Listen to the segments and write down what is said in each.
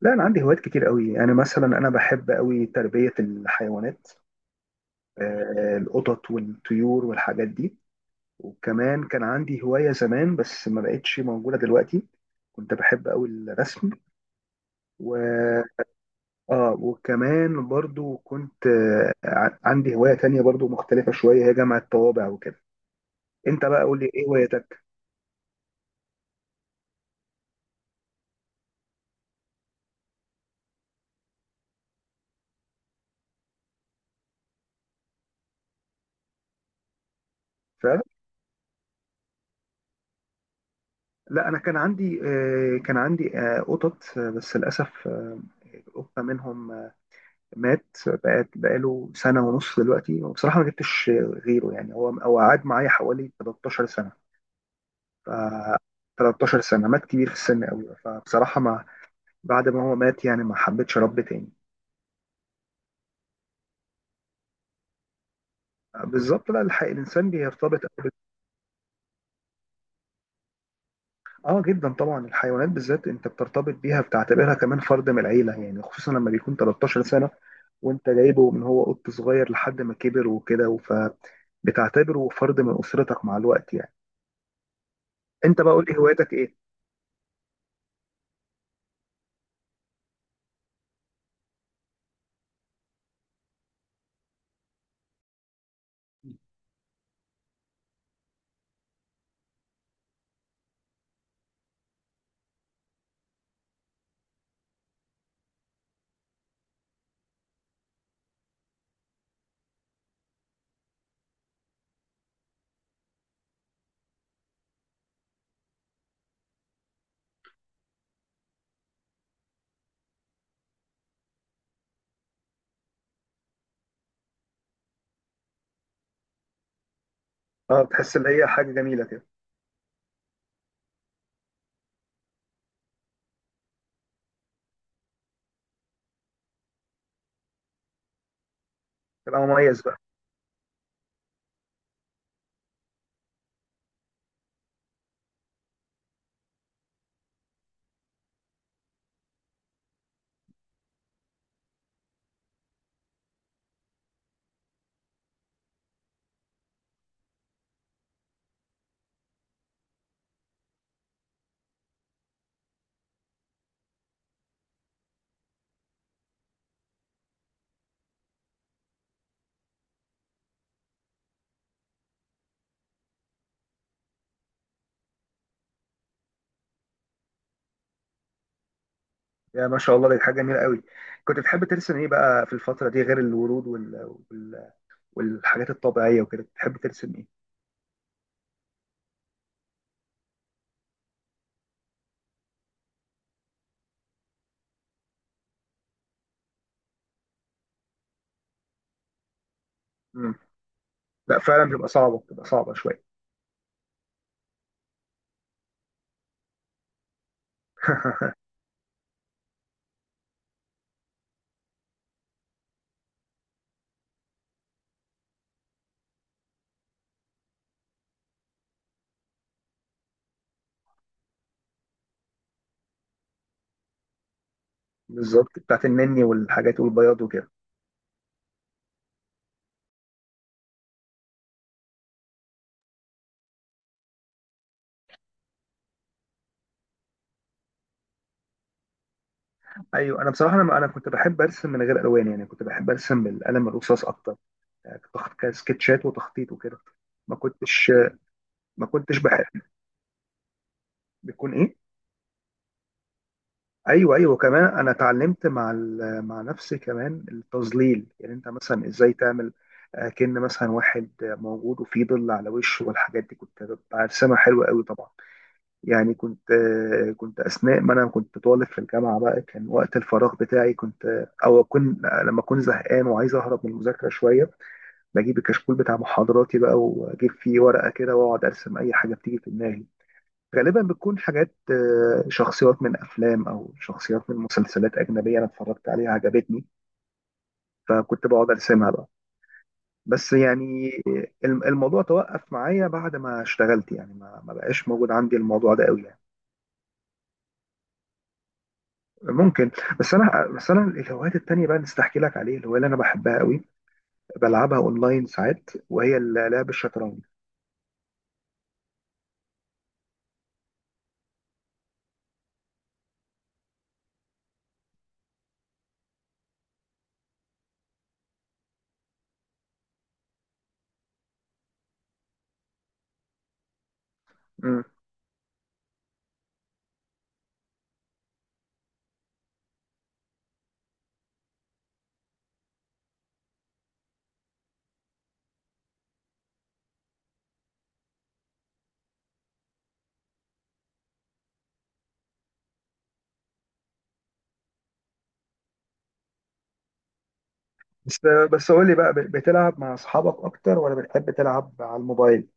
لا، انا عندي هوايات كتير قوي، يعني مثلا انا بحب قوي تربيه الحيوانات. القطط والطيور والحاجات دي. وكمان كان عندي هوايه زمان، بس ما بقتش موجوده دلوقتي. كنت بحب قوي الرسم. و اه وكمان برضو كنت عندي هوايه تانية برضو مختلفه شويه، هي جمع الطوابع وكده. انت بقى قول لي ايه هوايتك؟ فعلا. لا، انا كان عندي قطط، بس للاسف، القطه منهم مات بقى بقاله سنة ونص دلوقتي، وبصراحة ما جبتش غيره. يعني هو قعد معايا حوالي 13 سنة. ف 13 سنة مات كبير في السن قوي. فبصراحة ما بعد ما هو مات، يعني ما حبيتش رب تاني. بالظبط. لا، الحق الإنسان بيرتبط اه، جدا طبعا، الحيوانات بالذات انت بترتبط بيها، بتعتبرها كمان فرد من العيلة، يعني خصوصا لما بيكون 13 سنة، وانت جايبه من هو قط صغير لحد ما كبر وكده، فبتعتبره فرد من أسرتك مع الوقت يعني. انت بقى قول لي هواياتك ايه؟ اه، بتحس ان هي حاجه جميله كده. تبقى مميز بقى. يا ما شاء الله، دي حاجه جميله قوي. كنت بتحب ترسم ايه بقى في الفتره دي، غير الورود والحاجات الطبيعيه وكده، بتحب ترسم ايه؟ مم. لا، فعلا بتبقى صعبه، بتبقى صعبه شويه. بالظبط، بتاعت النني والحاجات والبياض وكده. ايوه، انا بصراحه، انا كنت بحب ارسم من غير الوان، يعني كنت بحب ارسم بالقلم الرصاص اكتر. يعني كنت أخد كده سكتشات وتخطيط وكده. ما كنتش ما كنتش بحب. بيكون ايه؟ ايوه، ايوه، كمان انا اتعلمت مع مع نفسي كمان التظليل، يعني انت مثلا ازاي تعمل كأن مثلا واحد موجود وفيه ظل على وشه، والحاجات دي كنت برسمها حلوه قوي طبعا. يعني كنت اثناء ما انا كنت طالب في الجامعه بقى، كان وقت الفراغ بتاعي كنت آه، او اكون لما اكون زهقان وعايز اهرب من المذاكره شويه، بجيب الكشكول بتاع محاضراتي بقى، واجيب فيه ورقه كده واقعد ارسم اي حاجه بتيجي في دماغي. غالبا بتكون حاجات شخصيات من افلام او شخصيات من مسلسلات اجنبيه انا اتفرجت عليها عجبتني، فكنت بقعد ارسمها بقى. بس يعني الموضوع توقف معايا بعد ما اشتغلت، يعني ما بقاش موجود عندي الموضوع ده قوي يعني. ممكن. بس انا, الهوايات التانية بقى نستحكي لك عليه، الهوايه اللي انا بحبها قوي بلعبها اونلاين ساعات، وهي لعب الشطرنج. مم. بس بس قول لي بقى، بتلعب مع اصحابك اكتر ولا بتحب تلعب على الموبايل؟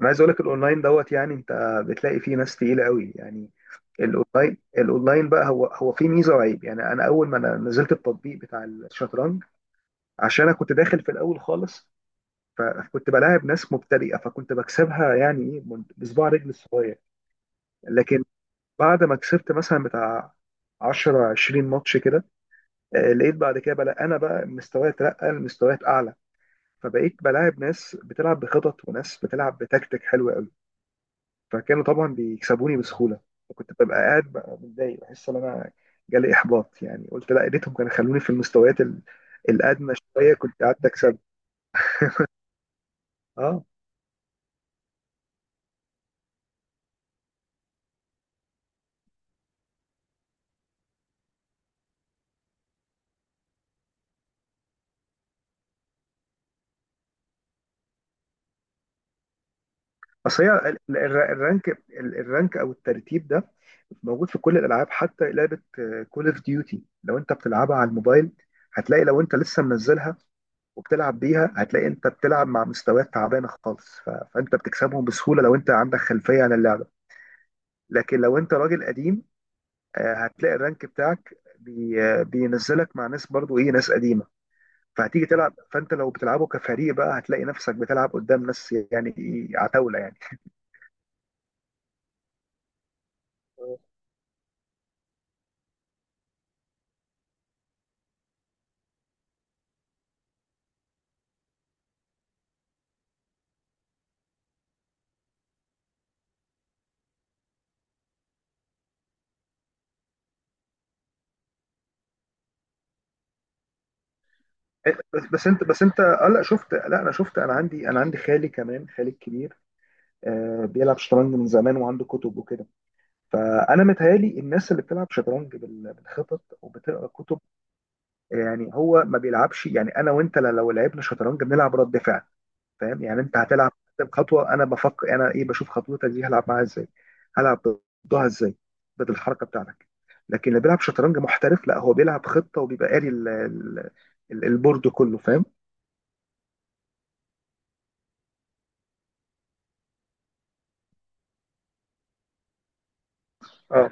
انا عايز اقول لك الاونلاين دوت، يعني انت بتلاقي فيه ناس تقيله قوي يعني. الاونلاين بقى هو فيه ميزه وعيب، يعني انا اول ما أنا نزلت التطبيق بتاع الشطرنج، عشان انا كنت داخل في الاول خالص، فكنت بلاعب ناس مبتدئه، فكنت بكسبها يعني ايه بصباع رجل الصغير. لكن بعد ما كسبت مثلا بتاع 10 20 ماتش كده، لقيت بعد كده انا بقى مستواي اترقى لمستويات اعلى، فبقيت بلاعب ناس بتلعب بخطط وناس بتلعب بتكتيك حلو، فكانوا طبعا بيكسبوني بسهوله، وكنت ببقى قاعد بقى متضايق، بحس ان انا جالي احباط، يعني قلت لا يا ريتهم كانوا خلوني في المستويات الادنى شويه، كنت قعدت اكسب. اه. اصل هي الرانك او الترتيب ده موجود في كل الالعاب، حتى لعبه كول اوف ديوتي لو انت بتلعبها على الموبايل، هتلاقي لو انت لسه منزلها وبتلعب بيها، هتلاقي انت بتلعب مع مستويات تعبانه خالص، فانت بتكسبهم بسهوله لو انت عندك خلفيه عن اللعبه. لكن لو انت راجل قديم، هتلاقي الرانك بتاعك بي آه، بينزلك مع ناس برضو ايه ناس قديمه، فهتيجي تلعب، فانت لو بتلعبه كفريق بقى هتلاقي نفسك بتلعب قدام ناس، يعني إيه، عتاوله يعني إيه. بس انت, اه, لا, انا شفت, انا عندي خالي كمان، خالي الكبير. بيلعب شطرنج من زمان، وعنده كتب وكده. فانا متهيالي الناس اللي بتلعب شطرنج بالخطط وبتقرا كتب. يعني هو ما بيلعبش، يعني انا وانت لو لعبنا شطرنج بنلعب رد فعل. فاهم؟ يعني انت هتلعب قدام خطوه، انا بفكر انا ايه، بشوف خطوتك دي هلعب معاها ازاي، هلعب ضدها ازاي، ضد الحركه بتاعتك. لكن اللي بيلعب شطرنج محترف لا، هو بيلعب خطه وبيبقى قاري البورد كله. فاهم؟ اه،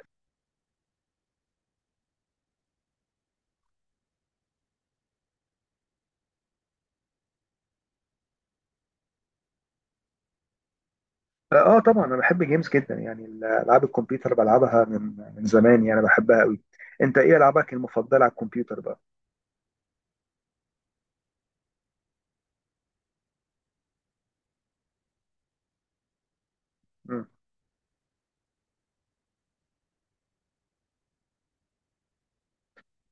اه، طبعا انا بحب جيمز جدا، يعني العاب الكمبيوتر بلعبها من زمان، يعني بحبها قوي. انت ايه العابك المفضله على الكمبيوتر بقى؟ مم.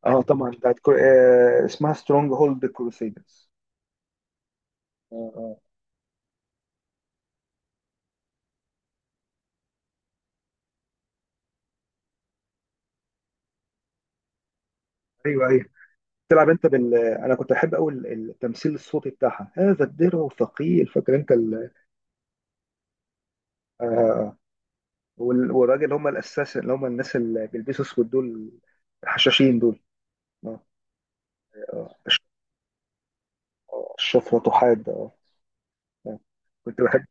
اه، طبعا بتاعت كر... آه اسمها سترونج هولد كروسيدرز. اه، اه، ايوه، ايوه. تلعب انت بال انا كنت بحب قوي التمثيل الصوتي بتاعها، هذا الدرع ثقيل، فاكر انت آه... والراجل، اللي هم الاساس، اللي هم الناس اللي بيلبسوا اسود دول، الحشاشين دول. آه. أش- اشرف وتحاد، اه. آه. كنت بحب.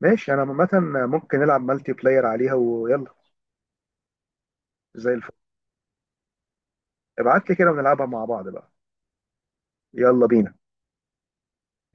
ماشي، انا عامه ممكن نلعب مالتي بلاير عليها، ويلا، زي الفل. ابعت لي كده ونلعبها مع بعض بقى. يلا بينا.